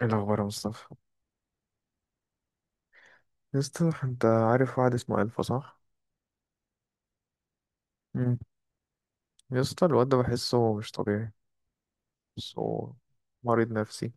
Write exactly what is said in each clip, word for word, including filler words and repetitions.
ايه الاخبار يا مصطفى؟ يا اسطى، انت عارف واحد اسمه الفا، صح؟ امم. يا اسطى، الواد ده بحسه مش طبيعي. بحسه. مريض نفسي.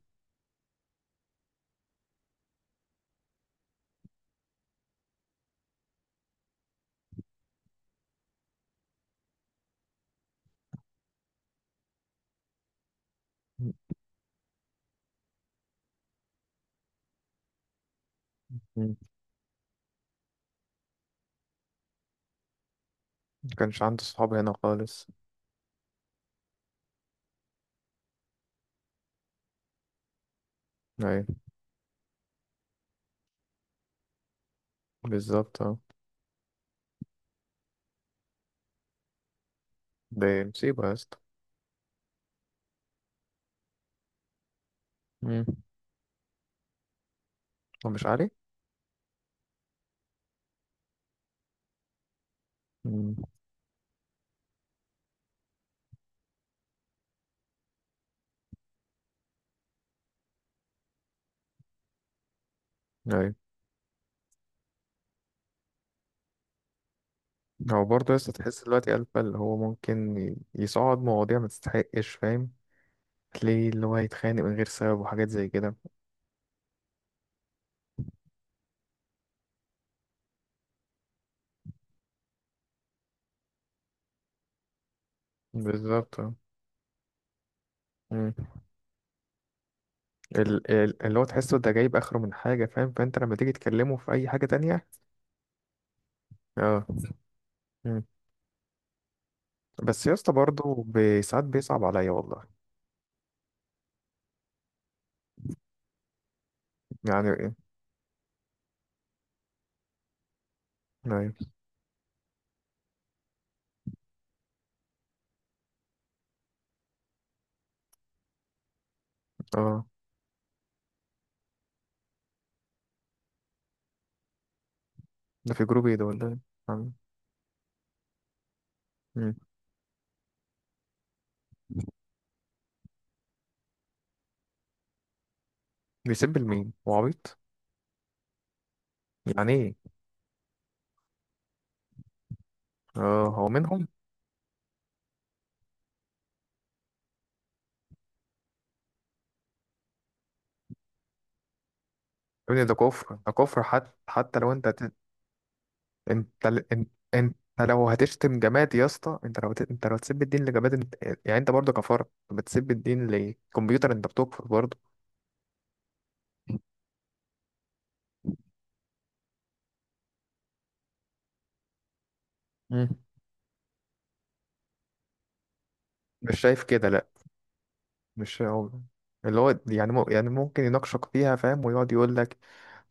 مم. ما كانش عنده صحاب هنا خالص. ايوه. بالظبط، اه. ده مصيبه يا اسطى. امم. هو مش عارف. امم. ايوه. هو برضه يا اسطى، تحس دلوقتي الفا اللي هو ممكن ي- يصعد مواضيع ما تستحقش، فاهم؟ تلاقيه اللي هو يتخانق من غير سبب وحاجات زي كده. بالظبط، اه. مم. ال- ال- اللي هو تحسه ده جايب اخره من حاجه، فاهم؟ فانت لما تيجي تكلمه في اي حاجه تانية. اه. مم. بس يا اسطى، برضه بي- ساعات بيصعب عليا والله. يعني ايه؟ أيوة. اه، ده في جروب ايه ده ولا إيه؟ عم- مم. بيسب لمين؟ هو عبيط. يعني ايه؟ اه، هو منهم. يا ابني ده كفر، ده كفر، حتى حتى لو انت هت- انت ل- إن- انت لو هتشتم جماد يا اسطى، انت لو هت- انت لو هتسب الدين لجماد، انت. يعني انت برضه كفرت، بتسب الدين لكمبيوتر، انت بتكفر برضه. مم. مش شايف كده؟ مش هو- اللي هو يعني مو- يعني ممكن يناقشك فيها، فاهم، ويقعد يقول لك،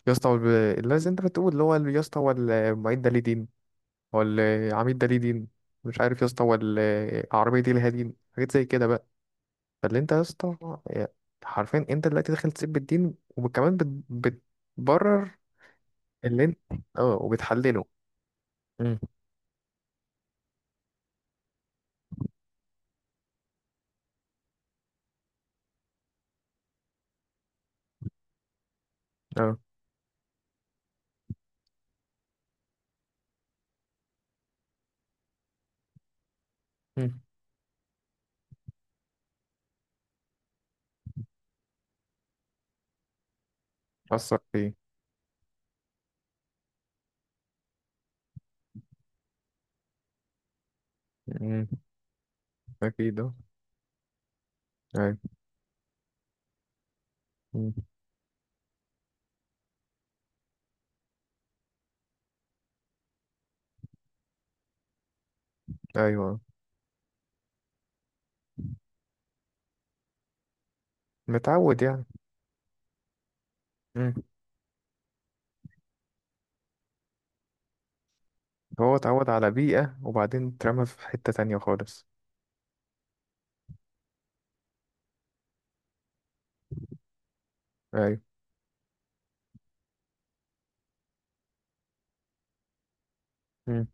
يا اسطى هو الب- اللي زي انت بتقول، اللي هو ال- يا اسطى هو المعيد ده ليه دين؟ هو العميد ده ليه دين؟ مش عارف يا اسطى، هو العربيه دي ليها دين؟ حاجات زي كده بقى. فاللي انت يا اسطى، حرفيا انت دلوقتي داخل تسيب الدين وكمان بت- بتبرر. اللي انت، اه، وبتحلله. امم. اه. امم. اثر فيه. امم. اكيد، اه. ايوه. أمم. أيوة. متعود. يعني. هو اتعود على بيئة وبعدين اترمى في حتة تانية خالص. أيوة. مم.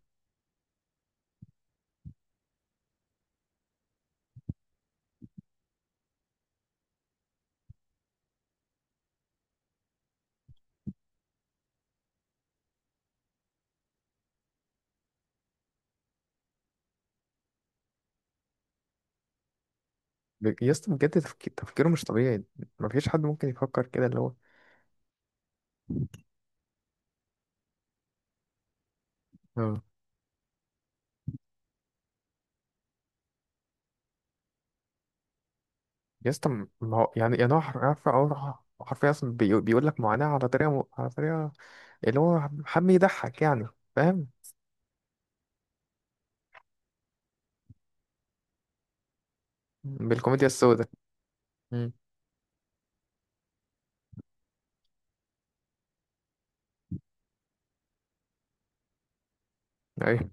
ب- يا اسطى، بجد تفكي- تفكيره مش طبيعي. مفيش حد ممكن يفكر كده، اللي هو. اه. يا اسطى، م- ما هو يعني يعني هو حر- عارف هو. حرفيا أصلا بيقو- بيقول لك معاناة على طريقة م... على طريقة اللي هو حب يضحك يعني. فاهم. بالكوميديا السوداء. مم. أيوة.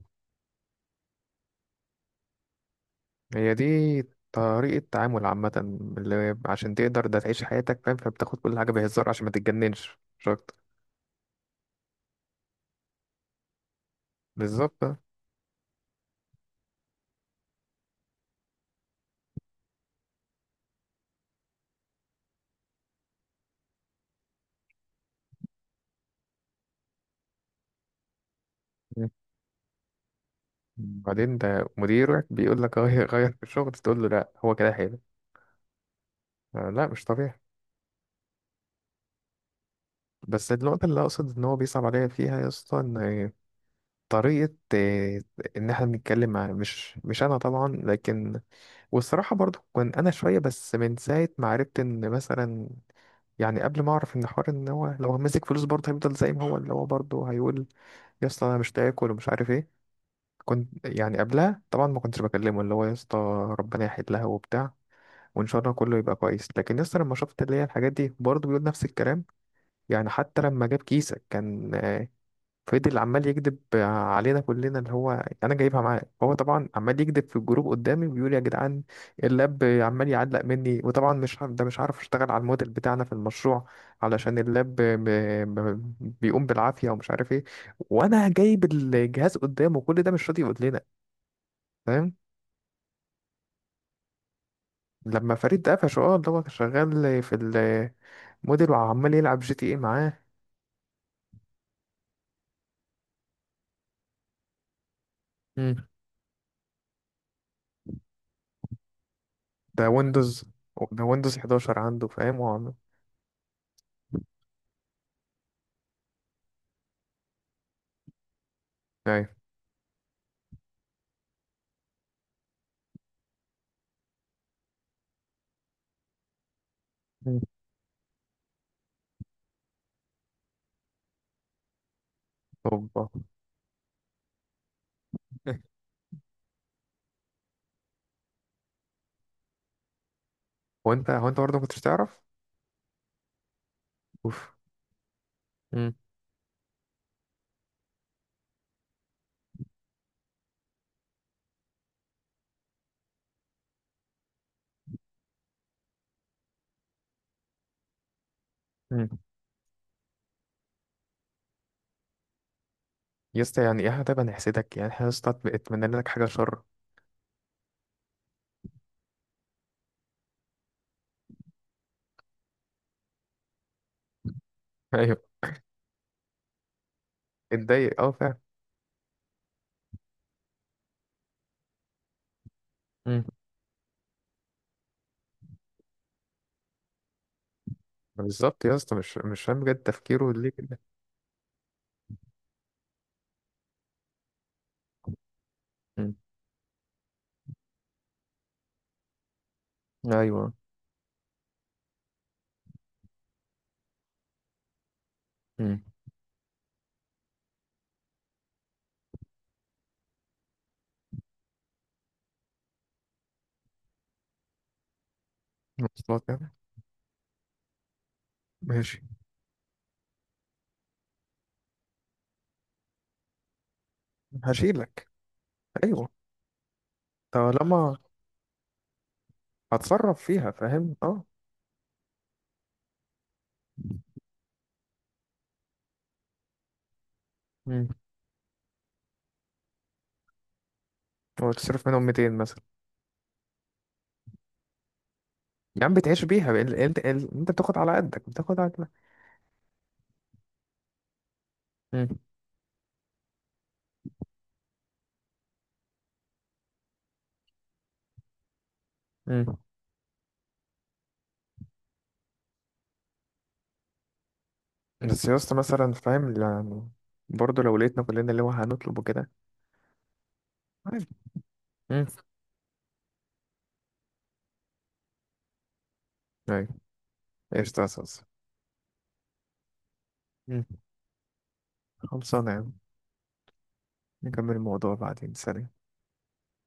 هي دي. طريقة تعامل عامة. اللي عشان تقدر ده تعيش حياتك، فاهم، فبتاخد كل حاجة بهزار عشان ما تتجننش، مش أكتر. بالظبط. بعدين ده مديرك بيقول لك غير غير في الشغل، تقول له لا هو كده حلو. آه، لا مش طبيعي. بس النقطة اللي أقصد إن هو بيصعب عليا فيها يا اسطى، إن طريقة آه، إن إحنا بنتكلم مع، مش مش أنا طبعا، لكن والصراحة برضو كان أنا شوية، بس من ساعة ما عرفت إن مثلا، يعني قبل ما أعرف إن حوار إن هو لو ماسك فلوس برضه هيفضل زي ما هو، اللي هو برضه هيقول، يا اسطى أنا مش تاكل ومش عارف إيه. كنت يعني قبلها طبعا ما كنتش بكلمه، اللي هو يا اسطى ربنا يحيد لها وبتاع، وان شاء الله كله يبقى كويس. لكن يسطا، لما شفت اللي هي الحاجات دي برضه بيقول نفس الكلام. يعني حتى لما جاب كيسك كان آه، فضل عمال يكذب علينا كلنا، اللي هو انا جايبها معاه، هو طبعا عمال يكذب في الجروب قدامي وبيقول، يا جدعان اللاب عمال يعلق مني وطبعا مش عارف- ده مش عارف اشتغل على الموديل بتاعنا في المشروع، علشان اللاب ب- ب- بيقوم بالعافية ومش عارف ايه، وانا جايب الجهاز قدامه. كل ده مش راضي يقول لنا. فاهم. لما فريد قفشه، اه، اللي هو شغال في موديل وعمال يلعب جي تي ايه معاه. مم. ده ويندوز ده ويندوز احد عشر عنده، فاهم، هو عم- ايوه. مم. اوبا. هو انت هو انت برضه ما كنتش تعرف؟ اوف. مم. مم. يا اسطى يعني ايه؟ طيب هنحسدك يعني احنا يا اسطى؟ أتم- اتمنى لك حاجه شر؟ ايوه. اتضايق، اه فعلا. مم. بالظبط يا اسطى، مش مش فاهم بجد تفكيره ليه كده. مم. ايوه. مم. مواصلات يعني. ماشي. هشيلك. ايوه. طالما هتصرف فيها، فاهم، اه. مم. هو تصرف منهم ميتين مثلا. يا عم بتعيش بيها ال- ال- ال- انت بتاخد على قدك، بتاخد على قدك. مم. مم. بس يا اسطى مثلا، فاهم، يعني برضه لو لقيتنا كلنا اللي هو هنطلب وكده. عادي. مم. ايوه. ايش تاسس. مم. خلصانة يا عم. نكمل الموضوع بعدين. سلام.